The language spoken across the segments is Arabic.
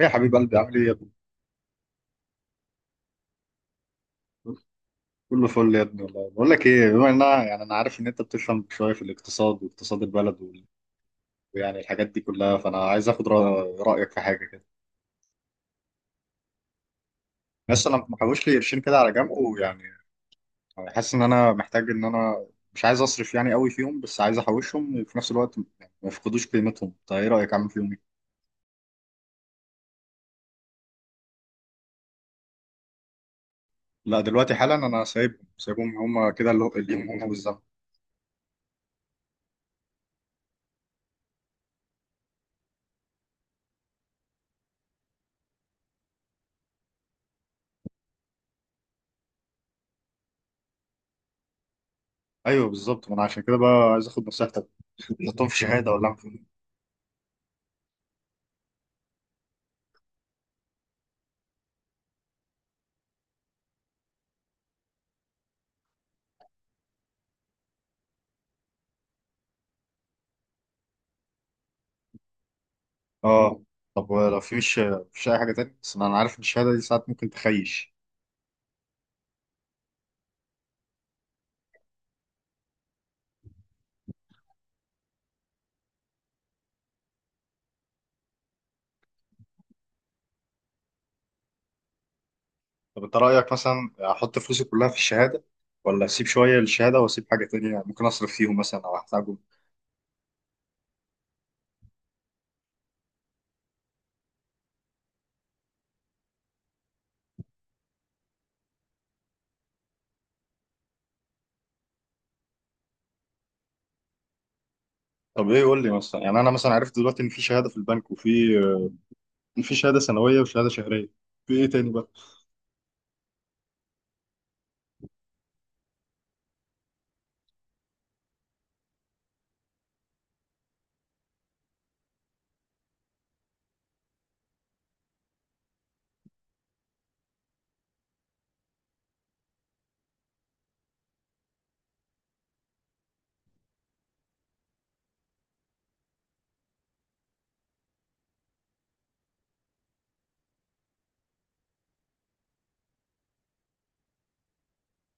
ايه يا حبيب قلبي، عامل ايه يا ابني؟ كله فل يا ابني، والله بقول لك ايه، بما ان يعني انا عارف ان انت بتفهم شويه في الاقتصاد واقتصاد البلد ويعني الحاجات دي كلها، فانا عايز اخد رايك في حاجه كده. بس انا محوش لي قرشين كده على جنب، ويعني حاسس ان انا محتاج ان انا مش عايز اصرف يعني قوي فيهم، بس عايز احوشهم في نفس الوقت يعني ما يفقدوش قيمتهم. طيب ايه رايك اعمل فيهم ايه؟ لا، دلوقتي حالا انا سايبهم، سايبهم كده اللي هم والزمن. ايوه بالظبط، ما انا عشان كده بقى عايز اخد نصيحتك. تحطهم في شهاده ولا أعمل فيهم؟ اه. طب لو في مش اي حاجه تانية، بس انا عارف ان الشهاده دي ساعات ممكن تخيش. طب انت رايك مثلا احط فلوسي كلها في الشهاده، ولا اسيب شويه للشهاده واسيب حاجه تانية ممكن اصرف فيهم مثلا او احتاجهم؟ طب ايه، قول لي مثلا، يعني انا مثلا عرفت دلوقتي ان في شهاده في البنك، وفي شهاده سنويه وشهاده شهريه، في ايه تاني بقى؟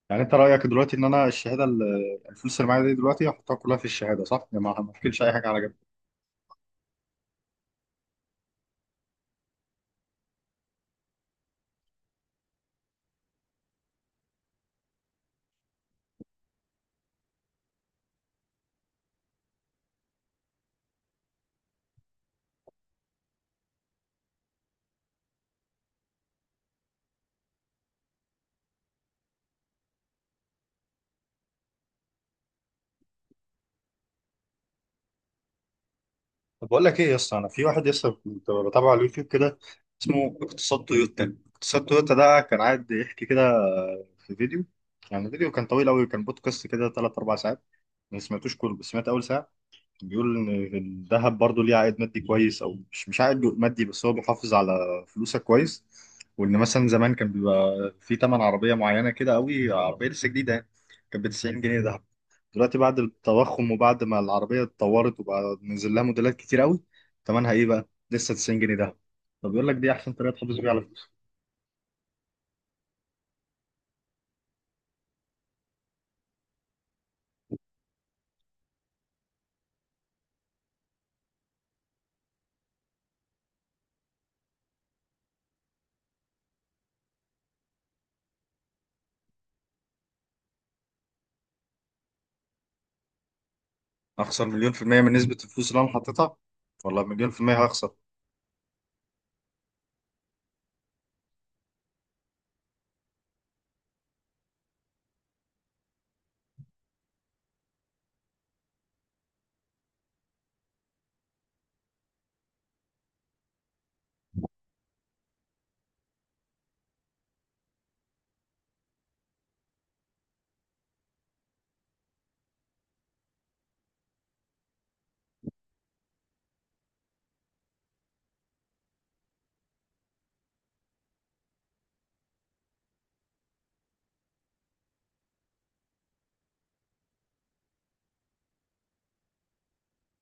يعني انت رايك دلوقتي ان انا الفلوس اللي معايا دي دلوقتي احطها كلها في الشهاده، صح؟ يعني ما افكرش اي حاجه على جنب. طب بقول لك ايه يا اسطى، انا في واحد يسطا كنت بتابعه على اليوتيوب كده، اسمه اقتصاد تويوتا. اقتصاد تويوتا ده كان قاعد يحكي كده في فيديو. يعني الفيديو كان طويل قوي، كان بودكاست كده 3 4 ساعات، ما سمعتوش كله بس سمعت اول ساعه. بيقول ان الذهب برضو ليه عائد مادي كويس، او مش عائد مادي، بس هو بيحافظ على فلوسك كويس. وان مثلا زمان كان بيبقى في تمن عربيه معينه كده قوي، عربيه لسه جديده يعني، كانت ب 90 جنيه ذهب. دلوقتي بعد التضخم وبعد ما العربيه اتطورت وبقى نزل لها موديلات كتير قوي، تمنها ايه بقى؟ لسه 90 جنيه ذهب. فبيقول لك دي احسن طريقه تحافظ بيها على فلوسك. اخسر مليون في الميه من نسبه الفلوس اللي انا حاططها؟ ولا مليون في الميه هخسر؟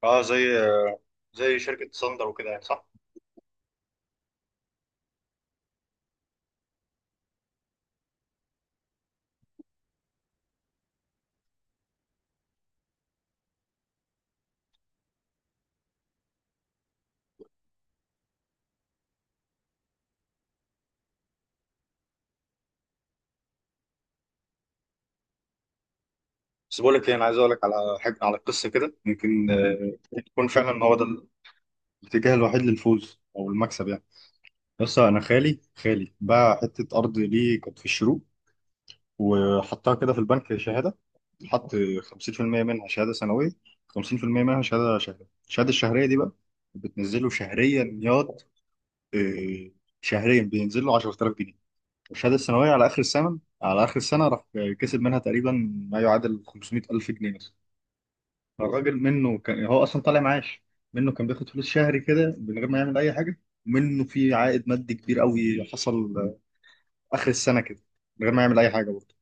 اه، زي شركه ساندر وكده يعني، صح؟ بس بقول لك ايه، انا عايز اقول لك على حاجه، على قصه كده يمكن تكون فعلا هو ده الاتجاه الوحيد للفوز او المكسب يعني. بس انا خالي باع حته ارض ليه كانت في الشروق، وحطها كده في البنك شهاده. حط 50% منها شهاده سنويه، 50% منها شهاده شهريه. الشهاده الشهريه دي بقى بتنزله شهريا ياض، آه، شهريا بينزل له 10,000 جنيه. والشهاده السنويه على اخر السنه، على اخر السنه راح كسب منها تقريبا ما يعادل 500,000 جنيه مثلا. الراجل منه كان هو اصلا طالع معاش، منه كان بياخد فلوس شهري كده من غير ما يعمل اي حاجه، ومنه في عائد مادي كبير قوي حصل اخر السنه كده، من غير ما يعمل اي حاجه برضه.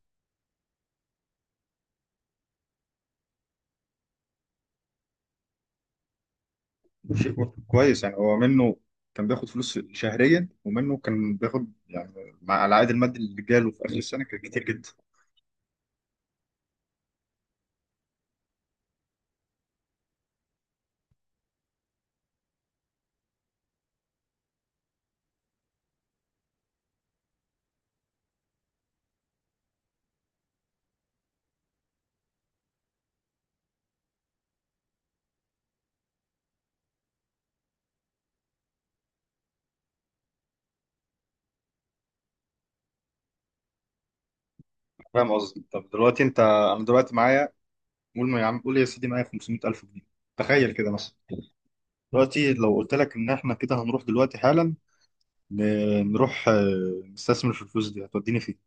شيء برضه كويس يعني، هو منه كان بياخد فلوس شهريا، ومنه كان بياخد يعني مع العائد المادي اللي جاله في اخر السنه كان كتير جدا. فاهم قصدي؟ طب دلوقتي انت، انا دلوقتي معايا، قول ما يا عم، قول يا سيدي معايا 500,000 جنيه. تخيل كده مثلا. دلوقتي لو قلت لك ان احنا كده هنروح دلوقتي حالا، نروح نستثمر في الفلوس دي، هتوديني فين؟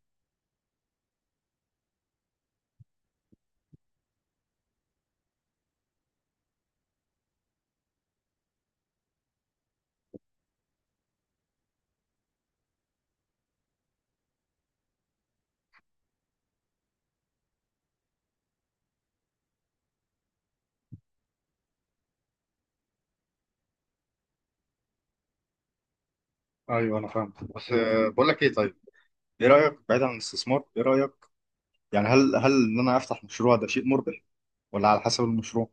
ايوه انا فاهم، بس بقول لك ايه، طيب ايه رايك بعيد عن الاستثمار؟ ايه رايك يعني، هل ان انا افتح مشروع، ده شيء مربح ولا على حسب المشروع؟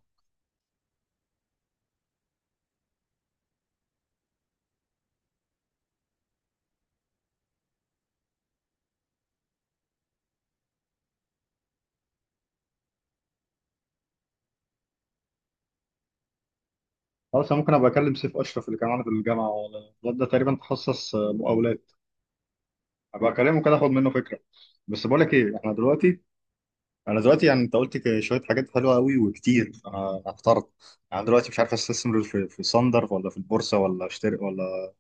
خلاص، انا ممكن ابقى اكلم سيف اشرف اللي كان معانا في الجامعه، الواد ده تقريبا تخصص مقاولات. ابقى اكلمه كده اخد منه فكره. بس بقول لك ايه، احنا دلوقتي، انا دلوقتي يعني انت شويه حاجات حلوه قوي وكتير، انا احترت، يعني دلوقتي مش عارف استثمر في صندر ولا في البورصه ولا اشتري ولا...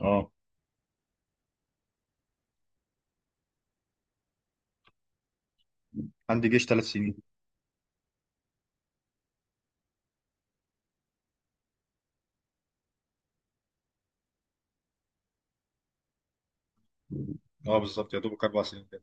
اه، عندي جيش ثلاث سنين. اه بالظبط، يا دوبك اربع سنين كده.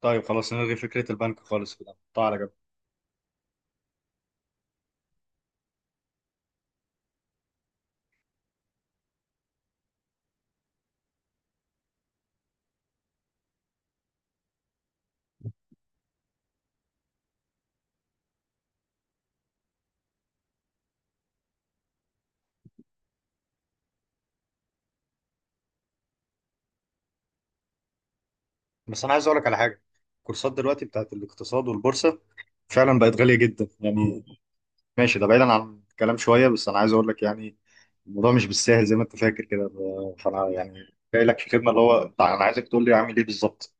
طيب خلاص، نلغي فكره البنك خالص كده، نحطها على جنب. بس انا عايز اقول لك على حاجه. الكورسات دلوقتي بتاعت الاقتصاد والبورصه فعلا بقت غاليه جدا يعني. ماشي، ده بعيدا عن الكلام شويه، بس انا عايز اقول لك يعني الموضوع مش بالسهل زي ما انت فاكر كده. فانا يعني جاي لك في خدمه، اللي هو بتاع انا عايزك تقول لي اعمل ايه بالظبط.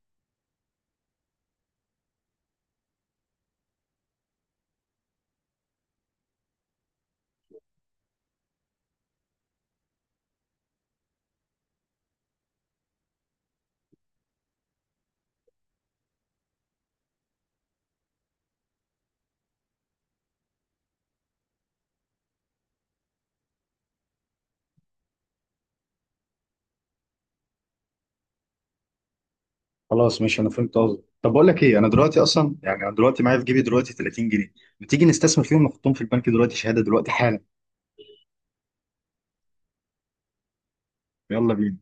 خلاص ماشي، انا فهمت قصدك. طب بقول لك ايه، انا دلوقتي اصلا يعني انا دلوقتي معايا في جيبي دلوقتي 30 جنيه. ما تيجي نستثمر فيهم نحطهم في البنك دلوقتي شهاده دلوقتي حالا؟ يلا بينا.